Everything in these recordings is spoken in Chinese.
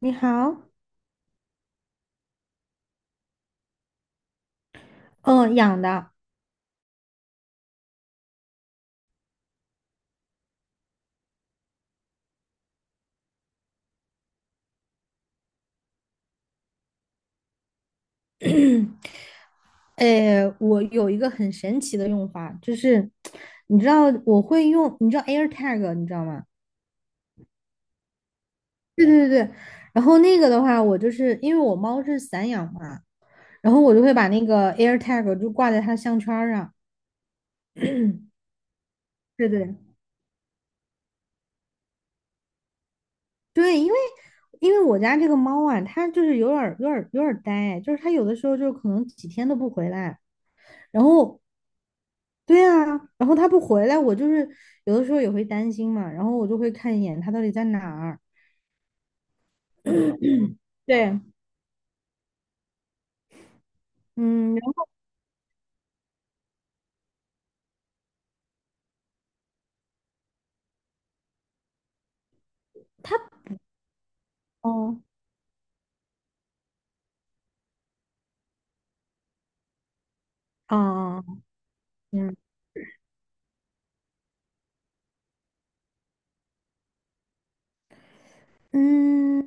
你好。嗯，养的。诶，我有一个很神奇的用法，就是你知道 AirTag，你知道吗？对对对对。然后那个的话，我就是因为我猫是散养嘛，然后我就会把那个 AirTag 就挂在它的项圈儿上。对对对，因为我家这个猫啊，它就是有点儿呆，就是它有的时候就可能几天都不回来，然后对啊。然后他不回来，我就是有的时候也会担心嘛，然后我就会看一眼他到底在哪儿。对，嗯，然后他哦，啊，嗯嗯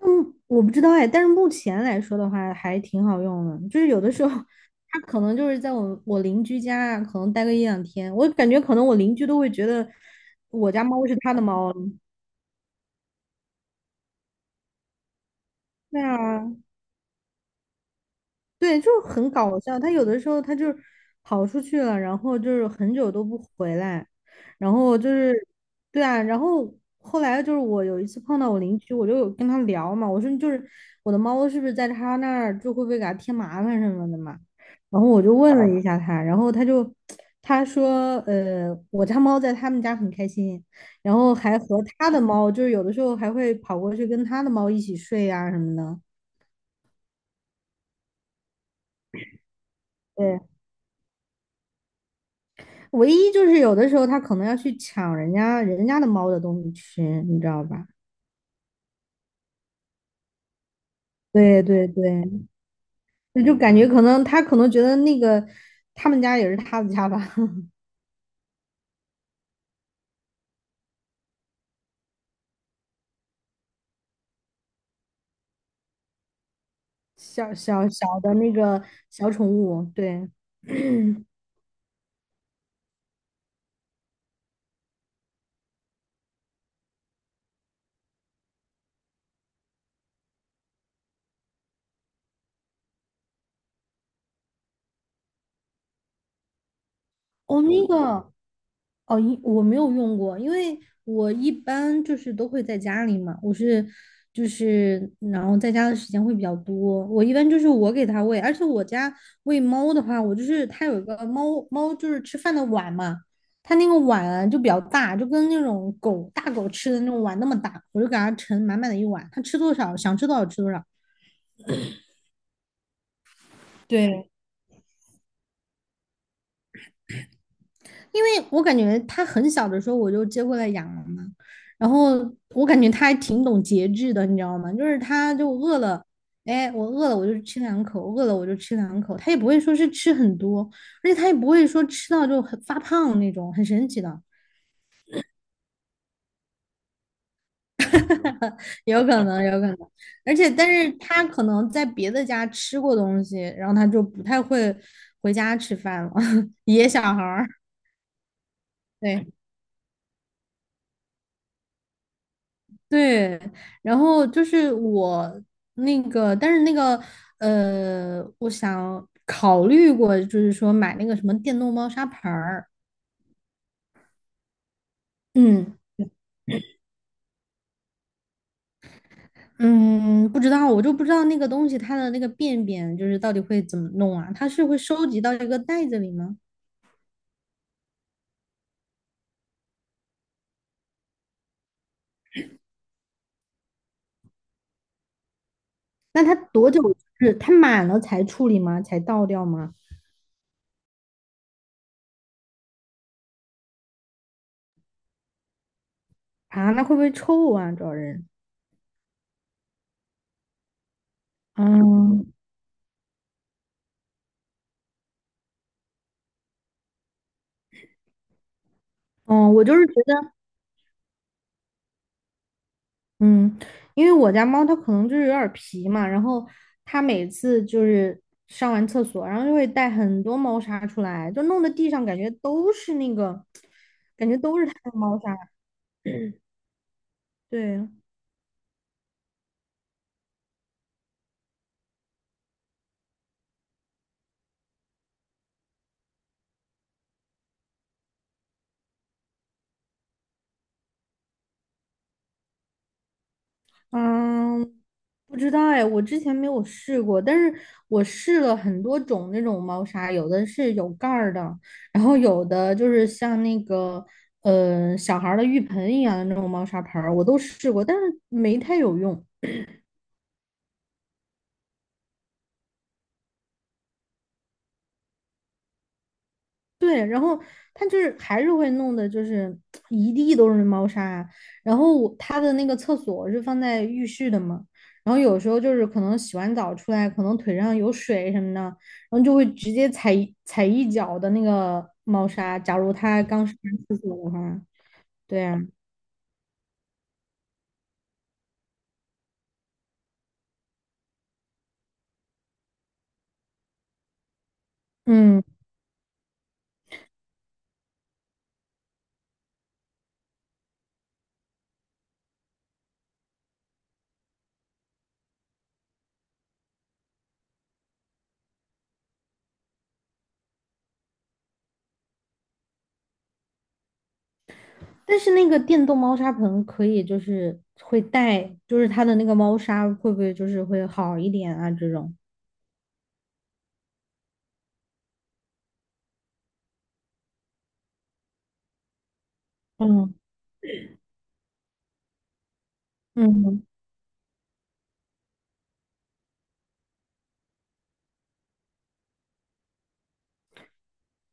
嗯，我不知道哎，但是目前来说的话还挺好用的，就是有的时候他可能就是在我邻居家啊可能待个一两天，我感觉可能我邻居都会觉得我家猫是他的猫了。对啊。对，就是很搞笑。他有的时候他就是跑出去了，然后就是很久都不回来，然后就是，对啊。然后后来就是我有一次碰到我邻居，我就有跟他聊嘛，我说就是我的猫是不是在他那儿就会不会给他添麻烦什么的嘛，然后我就问了一下他，然后他说我家猫在他们家很开心，然后还和他的猫就是有的时候还会跑过去跟他的猫一起睡啊什么的。对。唯一就是有的时候它可能要去抢人家的猫的东西吃，你知道吧？对对对，那就感觉可能它可能觉得那个他们家也是他的家吧。小的那个小宠物，对。哦，那个哦，一我没有用过，因为我一般就是都会在家里嘛，我是就是然后在家的时间会比较多，我一般就是我给它喂，而且我家喂猫的话，我就是它有一个猫猫就是吃饭的碗嘛，它那个碗啊就比较大，就跟那种狗大狗吃的那种碗那么大，我就给它盛满满的一碗，它吃多少想吃多少吃多少。对。因为我感觉他很小的时候我就接过来养了嘛，然后我感觉他还挺懂节制的，你知道吗？就是他就饿了，哎，我饿了我就吃两口，饿了我就吃两口，他也不会说是吃很多，而且他也不会说吃到就很发胖那种，很神奇的。有可能，有可能。而且，但是他可能在别的家吃过东西，然后他就不太会回家吃饭了，野小孩儿，对。对，然后就是我那个，但是那个我想考虑过，就是说买那个什么电动猫砂盆儿。嗯嗯，不知道，我就不知道那个东西它的那个便便就是到底会怎么弄啊？它是会收集到一个袋子里吗？那它多久是它满了才处理吗？才倒掉吗？啊，那会不会臭啊？主要人，嗯嗯，我就是觉得。嗯，因为我家猫它可能就是有点儿皮嘛，然后它每次就是上完厕所，然后就会带很多猫砂出来，就弄得地上感觉都是那个猫砂。对。嗯，不知道哎，我之前没有试过，但是我试了很多种那种猫砂，有的是有盖儿的，然后有的就是像那个小孩儿的浴盆一样的那种猫砂盆儿，我都试过，但是没太有用。对，然后它就是还是会弄的，就是一地都是猫砂啊。然后它的那个厕所是放在浴室的嘛，然后有时候就是可能洗完澡出来，可能腿上有水什么的，然后就会直接踩一踩一脚的那个猫砂。假如它刚上完厕所的话，对啊，嗯，但是那个电动猫砂盆可以，就是会带，就是它的那个猫砂会不会就是会好一点啊？这种，嗯嗯。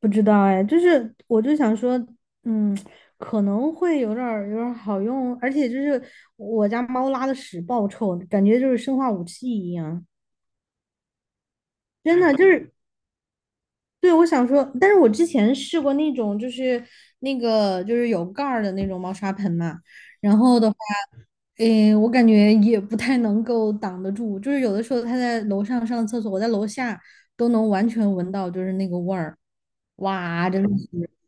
不知道哎，就是我就想说，嗯，可能会有点儿好用，而且就是我家猫拉的屎爆臭，感觉就是生化武器一样，真的就是对我想说，但是我之前试过那种就是那个就是有盖儿的那种猫砂盆嘛，然后的话，嗯，我感觉也不太能够挡得住，就是有的时候它在楼上上厕所，我在楼下都能完全闻到就是那个味儿，哇，真的是。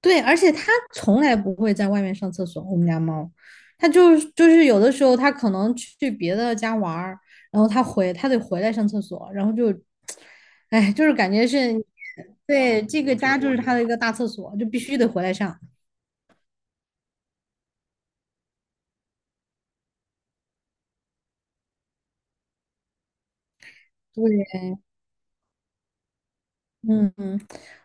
对，而且它从来不会在外面上厕所。我们家猫，它就是有的时候它可能去别的家玩儿，然后它得回来上厕所，然后就，哎，就是感觉是对这个家就是它的一个大厕所，就必须得回来上。对，嗯嗯，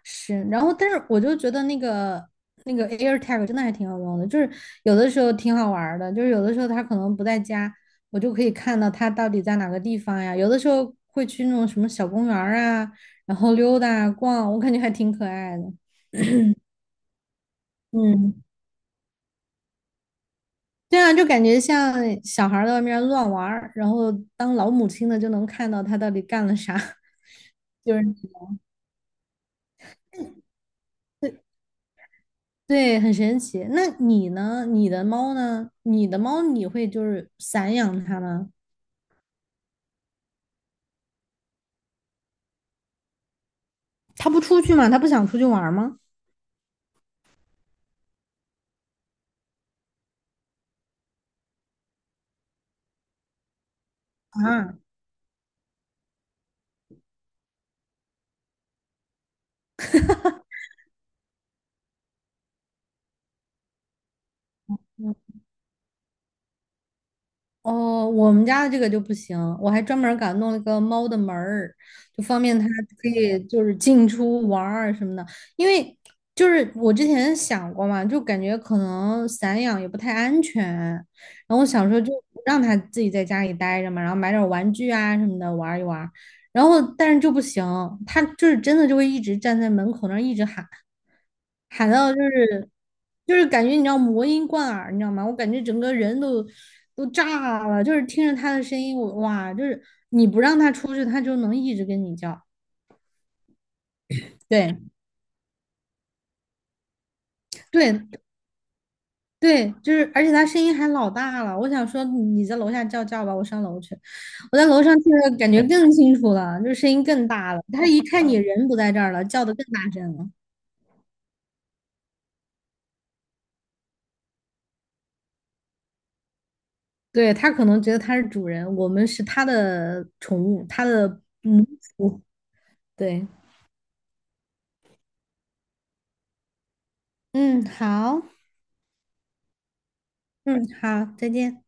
是，然后但是我就觉得那个AirTag 真的还挺好用的，就是有的时候挺好玩儿的，就是有的时候他可能不在家，我就可以看到他到底在哪个地方呀。有的时候会去那种什么小公园儿啊，然后溜达啊逛，我感觉还挺可爱的。嗯，对啊，就感觉像小孩儿在外面乱玩儿然后当老母亲的就能看到他到底干了啥，就是。对，很神奇。那你呢？你的猫呢？你的猫你会就是散养它吗？它不出去吗？它不想出去玩吗？啊，哦，我们家的这个就不行，我还专门儿给它弄了个猫的门儿，就方便它可以就是进出玩儿什么的。因为就是我之前想过嘛，就感觉可能散养也不太安全，然后我想说就让它自己在家里待着嘛，然后买点儿玩具啊什么的玩儿一玩儿然后但是就不行，它就是真的就会一直站在门口那儿一直喊。喊到就是感觉你知道魔音贯耳，你知道吗？我感觉整个人都炸了，就是听着他的声音，我哇，就是你不让他出去，他就能一直跟你叫。对对对，就是，而且他声音还老大了。我想说，你在楼下叫叫吧，我上楼去。我在楼上听着感觉更清楚了，就是声音更大了。他一看你人不在这儿了，叫的更大声了。对，他可能觉得他是主人，我们是他的宠物，他的奴仆。对。嗯，好，嗯，好，再见。